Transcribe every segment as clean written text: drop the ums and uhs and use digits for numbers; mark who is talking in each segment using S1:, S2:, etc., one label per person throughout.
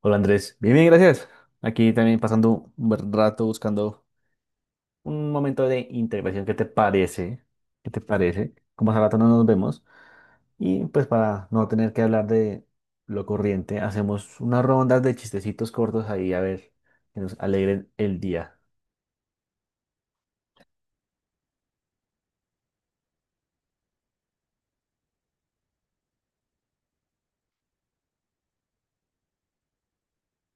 S1: Hola Andrés, bien, bien, gracias. Aquí también pasando un buen rato buscando un momento de integración. ¿Qué te parece? Como hace rato no nos vemos. Y pues para no tener que hablar de lo corriente, hacemos unas rondas de chistecitos cortos ahí a ver que nos alegren el día.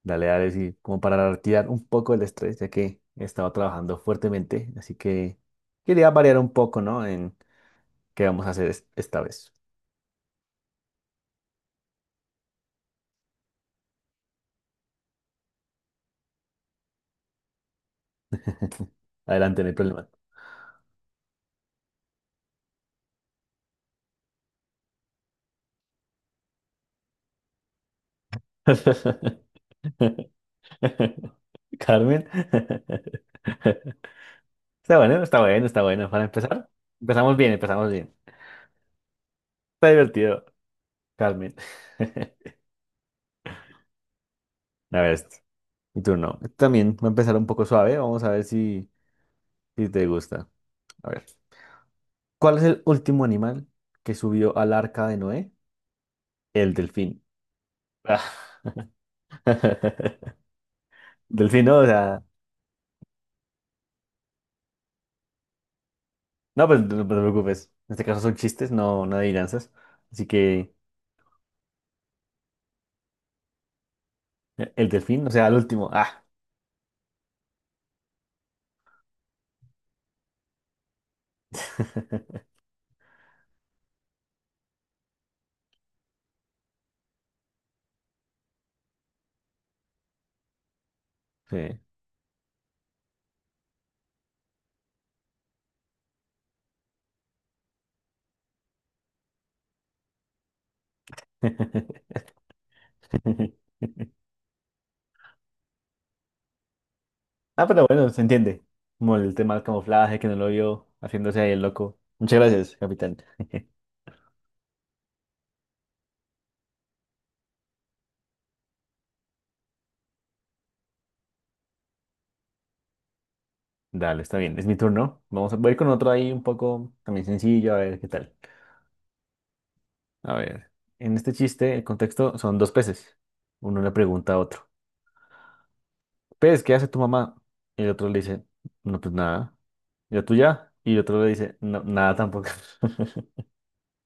S1: Dale, dale, sí, como para retirar un poco el estrés, ya que he estado trabajando fuertemente. Así que quería variar un poco, ¿no? En qué vamos a hacer esta vez. Adelante, no hay problema. Carmen. Está bueno, está bueno, está bueno. Para empezar, empezamos bien, empezamos bien. Está divertido, Carmen. A ver, este, mi turno. este también va a empezar un poco suave. Vamos a ver si te gusta. A ver. ¿Cuál es el último animal que subió al arca de Noé? El delfín. Delfín, ¿no? O sea, no, pues no, no te preocupes. En este caso son chistes, no, no adivinanzas. Así que el delfín, o sea, el último. Ah. Sí. Ujú. Ah, pero bueno, se entiende. Como el tema del camuflaje que no lo vio haciéndose ahí el loco. Muchas gracias, capitán. Dale, está bien. Es mi turno. Voy con otro ahí un poco también sencillo, a ver qué tal. A ver. En este chiste, el contexto son dos peces. Uno le pregunta a otro, pez, ¿qué hace tu mamá? Y el otro le dice, no, pues nada. ¿Y la tuya? Y el otro le dice, no, nada tampoco.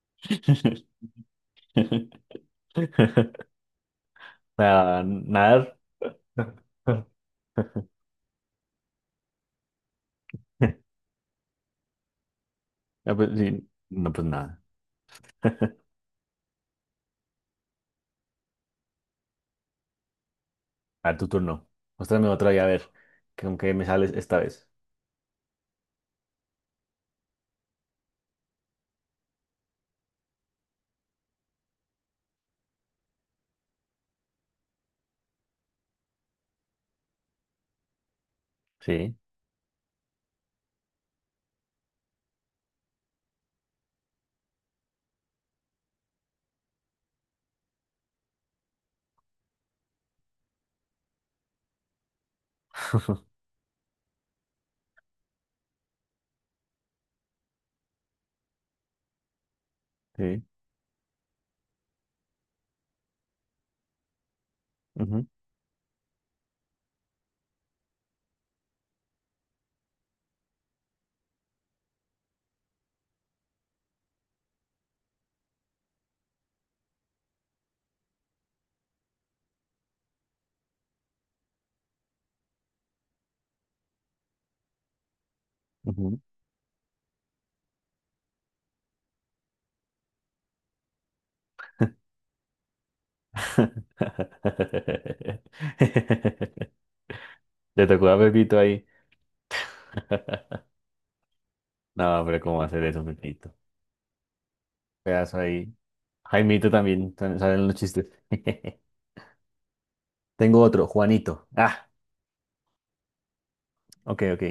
S1: Ah, nadar. Ah, pues sí, no, pues nada. A ver, tu turno. Muéstrame otra y a ver con qué me sales esta vez. Sí, sí. Ujú, ujú. Le tocó a Pepito ahí. No, pero ¿cómo va a hacer eso, Pepito? Pedazo ahí. Jaimito también, también salen los chistes. Tengo otro, Juanito. Ah, ok, ok.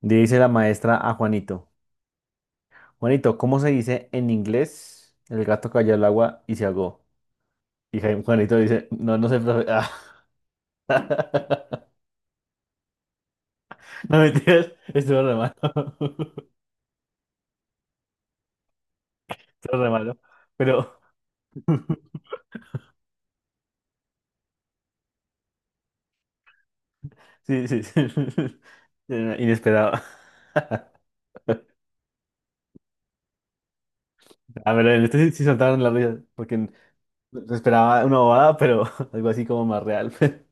S1: Dice la maestra a Juanito. Juanito, ¿cómo se dice en inglés? El gato cayó al agua y se ahogó. Y Juanito dice, no, no sé, profe. Ah. No mentiras, estuvo re malo. Estuvo re malo. Pero sí, sí, sí. Inesperado. A ver, en este sí, sí saltaron las risas, porque se esperaba una bobada, pero algo así como más real.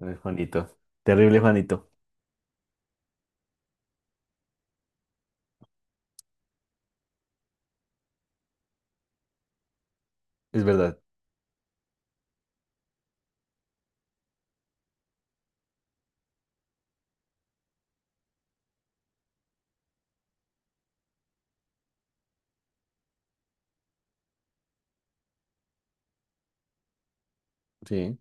S1: Ay, Juanito. Terrible Juanito. Es verdad. Sí,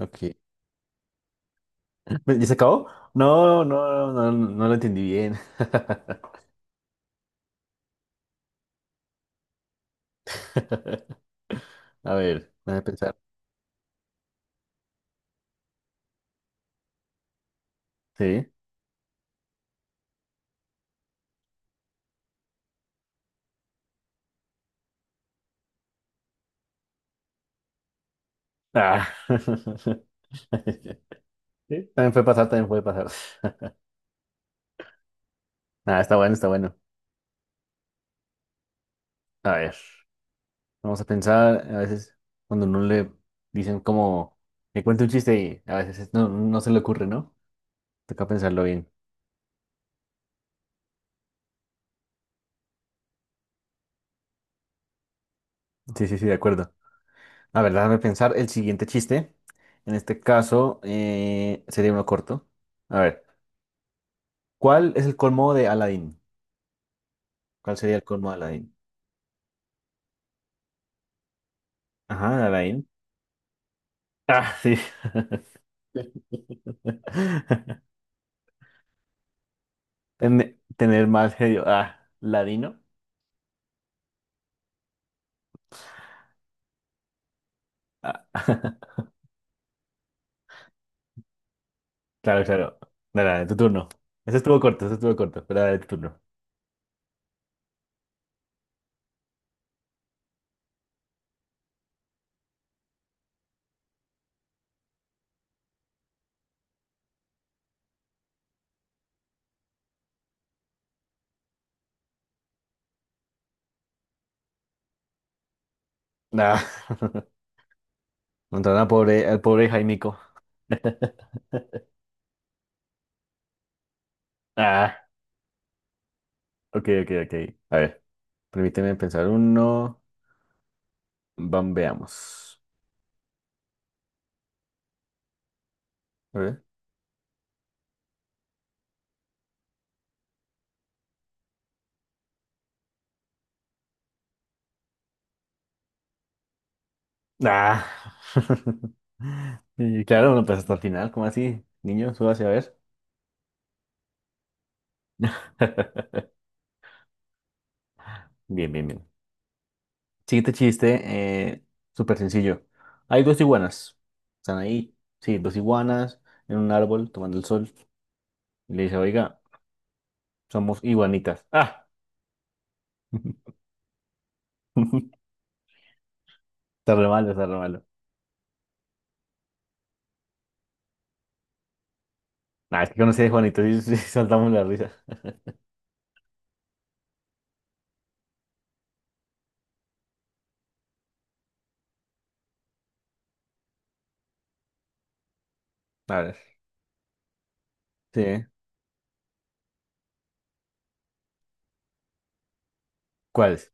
S1: ok. ¿Ya se acabó? No, no, no, no, no lo entendí bien. A ver, déjame pensar. Sí. Ah. Sí, también fue pasar, también fue pasar. Ah, está bueno, está bueno. A ver, vamos a pensar, a veces cuando no le dicen como, me cuenta un chiste y a veces no se le ocurre, ¿no? Toca pensarlo bien. Sí, sí, sí, de acuerdo. A ver, déjame pensar el siguiente chiste. En este caso, sería uno corto. A ver, ¿cuál es el colmo de Aladdin? ¿Cuál sería el colmo de Aladdin? Ajá, Aladdin. Ah, sí. Tener mal genio. Ah, ladino. Ah. Claro, claro. Dale, dale, tu turno. Ese estuvo corto, ese estuvo corto. Pero dale, tu turno. Ah, entonces, al pobre Jaimico. Ah, ok, ok, ok. A ver, permíteme pensar uno. Bam, veamos. A ver. Ah. Y claro, no pensé hasta el final, ¿cómo así? Niño, súbase a ver. Bien, bien, bien. Siguiente chiste, eh, súper sencillo. Hay dos iguanas. Están ahí, sí, dos iguanas en un árbol tomando el sol. Y le dice, oiga, somos iguanitas. Ah, está re malo, está re malo. Ah, es que conocí a Juanito y sí, sí, saltamos la risa. A ver, sí. ¿Cuáles?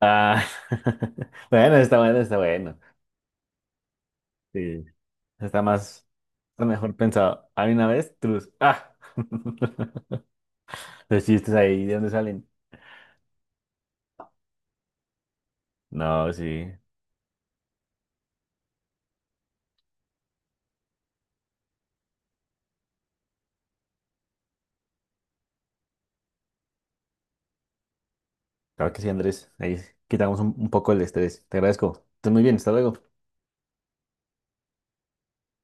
S1: Ah, bueno, está bueno, está bueno. Sí, está más, está mejor pensado. Hay una vez, trus. Ah, los chistes ahí, ¿de dónde salen? No, sí, claro que sí, Andrés. Ahí quitamos un poco el estrés. Te agradezco. Estás muy bien, hasta luego.